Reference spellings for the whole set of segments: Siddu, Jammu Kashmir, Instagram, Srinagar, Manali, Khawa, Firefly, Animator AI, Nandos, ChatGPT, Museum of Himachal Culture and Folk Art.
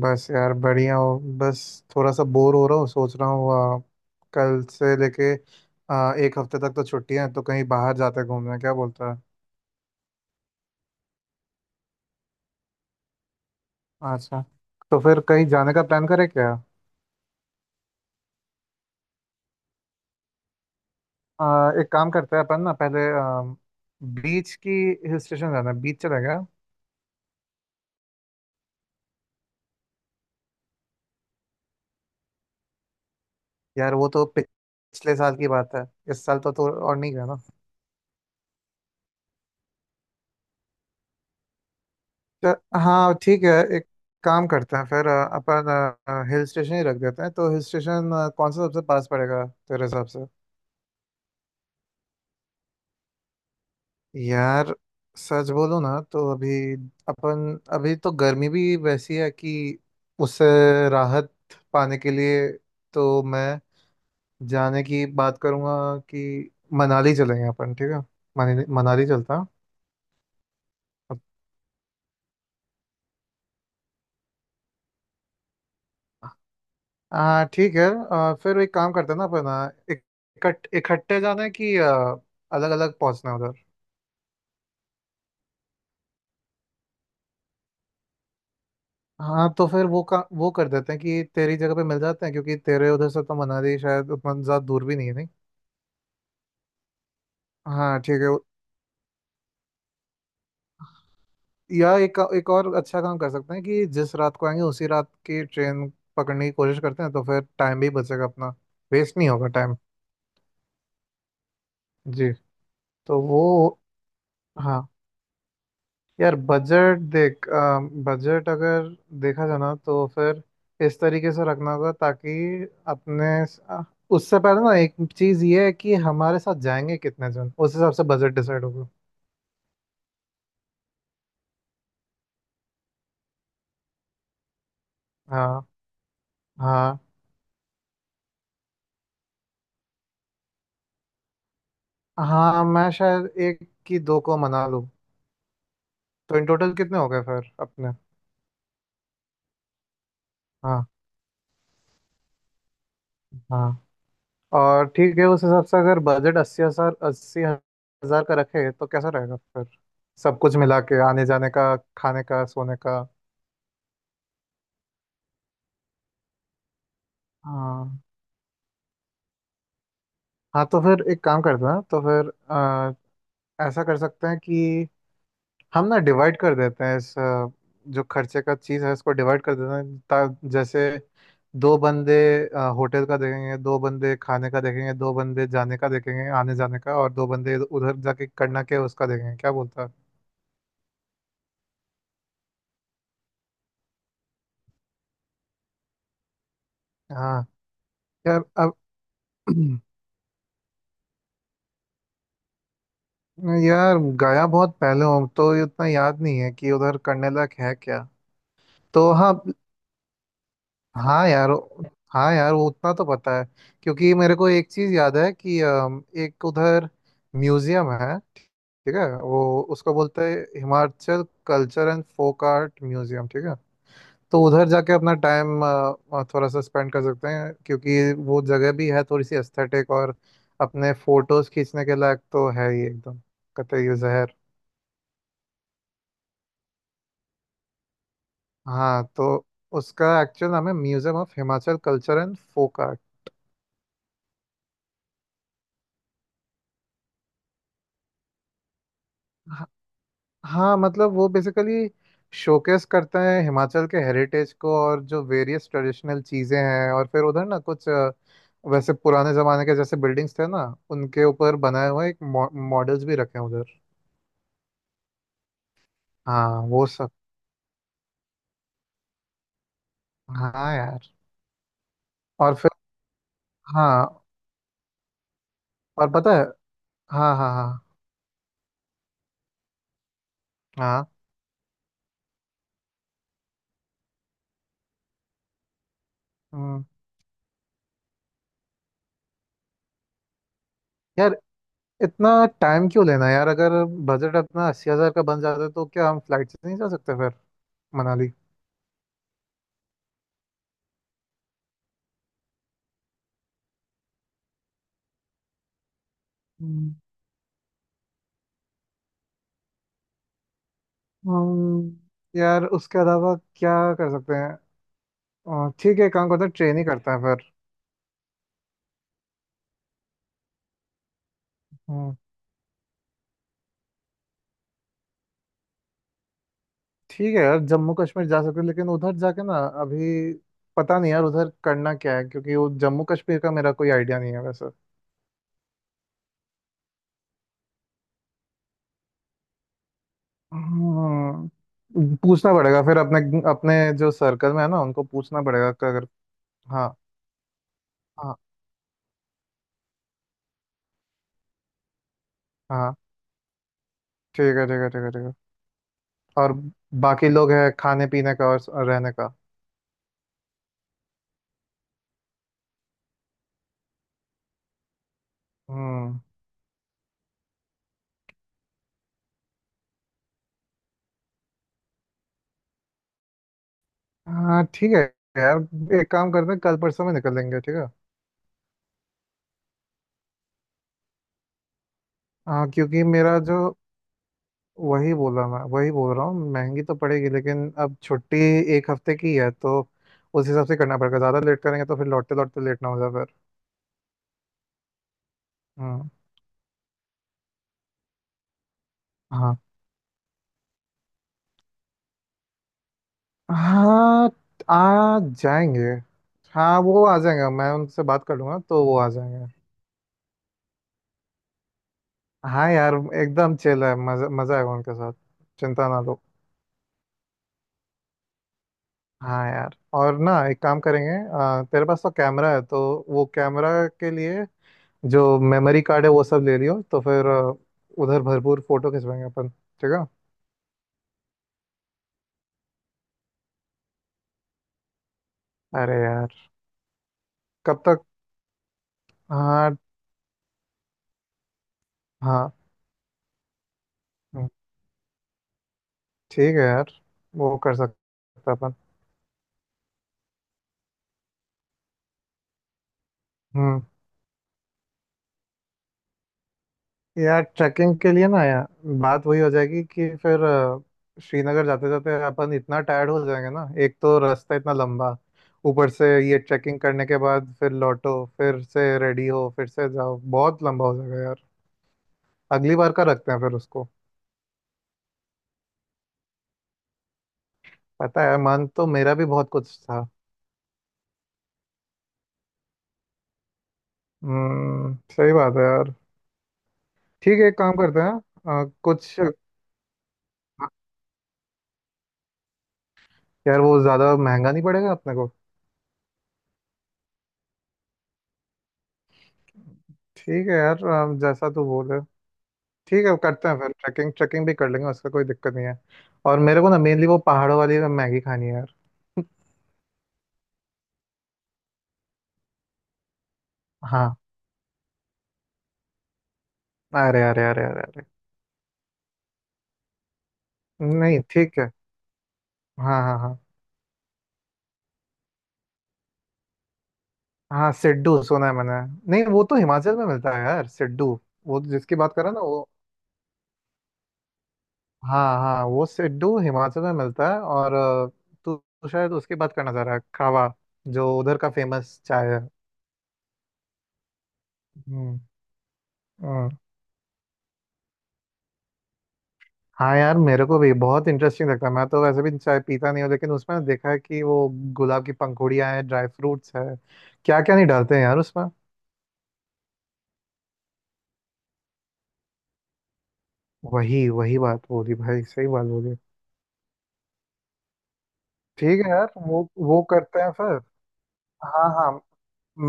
बस यार बढ़िया हो बस। थोड़ा सा बोर हो रहा हूँ। सोच रहा हूँ कल से लेके 1 हफ्ते तक तो छुट्टियां हैं, तो कहीं बाहर जाते हैं घूमने। क्या बोलता है। अच्छा। तो फिर कहीं जाने का प्लान करें क्या। एक काम करते हैं अपन ना। पहले बीच की हिल स्टेशन जाना है। बीच चलेगा। यार वो तो पिछले साल की बात है। इस साल तो और नहीं गया ना। तो, हाँ, ठीक है। एक काम करते हैं फिर अपन हिल स्टेशन ही रख देते हैं। तो हिल स्टेशन कौन सा सबसे पास पड़ेगा तेरे हिसाब से। यार सच बोलो ना, तो अभी अपन अभी तो गर्मी भी वैसी है कि उससे राहत पाने के लिए, तो मैं जाने की बात करूंगा कि मनाली चलेंगे अपन, ठीक है। मनाली मनाली चलता है। हाँ ठीक है। फिर एक काम करते हैं ना अपन। इकट्ठे जाना है कि अलग अलग पहुंचना है उधर। हाँ तो फिर वो का वो कर देते हैं कि तेरी जगह पे मिल जाते हैं, क्योंकि तेरे उधर से तो मनाली शायद उतना ज़्यादा दूर भी नहीं है नहीं। हाँ ठीक है। या एक एक और अच्छा काम कर सकते हैं कि जिस रात को आएंगे उसी रात की ट्रेन पकड़ने की कोशिश करते हैं, तो फिर टाइम भी बचेगा अपना। वेस्ट नहीं होगा टाइम। जी। तो वो। हाँ यार बजट देख। बजट अगर देखा जाना तो फिर इस तरीके से रखना होगा ताकि अपने अ, उससे पहले ना एक चीज़ ये है कि हमारे साथ जाएंगे कितने जन, उस हिसाब से बजट डिसाइड होगा। हाँ। हाँ। हाँ मैं शायद एक की दो को मना लूँ। तो इन टोटल कितने हो गए फिर अपने। हाँ। हाँ। और ठीक है, उस हिसाब से अगर बजट 80,000 80,000 का रखे तो कैसा रहेगा फिर। सब कुछ मिला के आने जाने का, खाने का, सोने का। हाँ। हाँ तो फिर एक काम करते हैं। तो फिर अ, ऐसा कर सकते हैं कि हम ना डिवाइड कर देते हैं इस जो खर्चे का चीज़ है इसको डिवाइड कर देते हैं, जैसे दो बंदे होटल का देखेंगे, दो बंदे खाने का देखेंगे, दो बंदे जाने का देखेंगे आने जाने का, और दो बंदे इधर- उधर जाके करना के उसका देखेंगे। क्या बोलता है। हाँ यार अब यार गया बहुत पहले हूँ, तो ये उतना याद नहीं है कि उधर करने लायक है क्या। तो हाँ। हाँ यार। हाँ यार वो उतना तो पता है, क्योंकि मेरे को एक चीज़ याद है कि एक उधर म्यूजियम है। ठीक है, वो उसको बोलते हैं Himachal culture and folk art museum. ठीक है, तो उधर जाके अपना टाइम थोड़ा सा स्पेंड कर सकते हैं, क्योंकि वो जगह भी है थोड़ी सी एस्थेटिक और अपने फोटोज खींचने के लायक तो है ही एकदम। कतई जहर। हाँ तो उसका एक्चुअल नाम है museum of Himachal culture and folk art. हाँ। हाँ, मतलब वो बेसिकली शोकेस करता है हिमाचल के हेरिटेज को और जो वेरियस ट्रेडिशनल चीज़ें हैं। और फिर उधर ना कुछ वैसे पुराने ज़माने के जैसे बिल्डिंग्स थे ना उनके ऊपर बनाए हुए एक मॉडल्स भी रखे हैं उधर। हाँ वो सब। हाँ यार और फिर। हाँ और पता है। हाँ हाँ हाँ हाँ। हम्म, यार इतना टाइम क्यों लेना यार। अगर बजट अपना 80,000 का बन जाता है तो क्या हम फ्लाइट से नहीं जा सकते फिर। मनाली। हम्म, यार उसके अलावा क्या कर सकते हैं। ठीक है, एक काम करते हैं ट्रेन ही करते हैं फिर। हम्म, ठीक है यार, जम्मू कश्मीर जा सकते हैं, लेकिन उधर जाके ना अभी पता नहीं यार उधर करना क्या है, क्योंकि वो जम्मू कश्मीर का मेरा कोई आइडिया नहीं है वैसे। हम्म, पूछना पड़ेगा फिर अपने अपने जो सर्कल में है ना उनको पूछना पड़ेगा कि अगर। हाँ। हाँ। हाँ ठीक है ठीक है ठीक है ठीक है। और बाकी लोग है खाने पीने का और रहने का। हम्म। हाँ ठीक है यार, एक काम करते हैं कल परसों में निकल लेंगे, ठीक है। हाँ क्योंकि मेरा जो वही बोला, मैं वही बोल रहा हूँ, महंगी तो पड़ेगी, लेकिन अब छुट्टी 1 हफ्ते की है तो उस हिसाब से करना पड़ेगा। ज़्यादा लेट करेंगे तो फिर लौटते लौटते लेट ना हो जाए फिर। हम्म। हाँ। हाँ आ जाएंगे। हाँ वो आ जाएंगे, मैं उनसे बात कर लूँगा, तो वो आ जाएंगे। हाँ यार एकदम चिल है। मज़ा मज़ा आएगा उनके साथ। चिंता ना लो। हाँ यार, और ना एक काम करेंगे। तेरे पास तो कैमरा है, तो वो कैमरा के लिए जो मेमोरी कार्ड है वो सब ले लियो, तो फिर उधर भरपूर फोटो खिंचवाएंगे अपन, ठीक है। अरे यार। कब तक। हाँ। हाँ। हम्म, ठीक है यार वो कर सकते हैं अपन। हम्म यार, ट्रैकिंग के लिए ना यार, बात वही हो जाएगी कि फिर श्रीनगर जाते जाते अपन इतना टायर्ड हो जाएंगे ना, एक तो रास्ता इतना लंबा, ऊपर से ये ट्रैकिंग करने के बाद फिर लौटो फिर से रेडी हो फिर से जाओ, बहुत लंबा हो जाएगा यार। अगली बार का रखते हैं फिर उसको। पता है, मन तो मेरा भी बहुत कुछ था। सही बात है यार। ठीक है एक काम करते हैं कुछ। यार वो ज़्यादा महंगा नहीं पड़ेगा अपने को। ठीक है यार, जैसा तू बोले। ठीक है, करते हैं फिर, ट्रैकिंग ट्रैकिंग भी कर लेंगे। उसका कोई दिक्कत नहीं है। और मेरे को ना मेनली वो पहाड़ों वाली मैगी खानी है यार। हाँ। अरे अरे अरे अरे अरे। नहीं ठीक है। हाँ हाँ हाँ। हाँ सिड्डू सुना है मैंने। नहीं, वो तो हिमाचल में मिलता है यार सिड्डू। वो जिसकी बात कर रहा है ना, वो। हाँ हाँ, वो सिड्डू हिमाचल में मिलता है, और तू तू शायद उसकी बात करना चाह रहा है, खावा, जो उधर का फेमस चाय है। हम्म। हम्म। हाँ यार, मेरे को भी बहुत इंटरेस्टिंग लगता है। मैं तो वैसे भी चाय पीता नहीं हूँ, लेकिन उसमें देखा है कि वो गुलाब की पंखुड़ियाँ हैं, ड्राई फ्रूट्स है, क्या क्या नहीं डालते हैं यार उसमें। वही वही बात बोली भाई, सही बात बोली। ठीक है यार वो। वो करते हैं फिर। हाँ हाँ।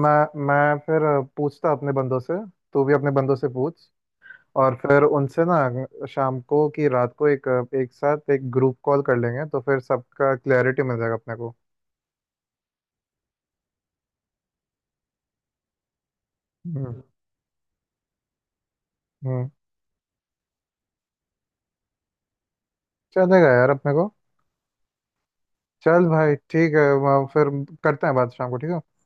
मैं फिर पूछता अपने बंदों से। तू भी अपने बंदों से पूछ। और फिर उनसे ना शाम को कि रात को एक एक साथ एक ग्रुप कॉल कर लेंगे, तो फिर सबका क्लैरिटी मिल जाएगा अपने को। हम्म। हम्म। चलेगा यार अपने को। चल भाई ठीक है। वहाँ फिर करते हैं बात शाम को, ठीक है।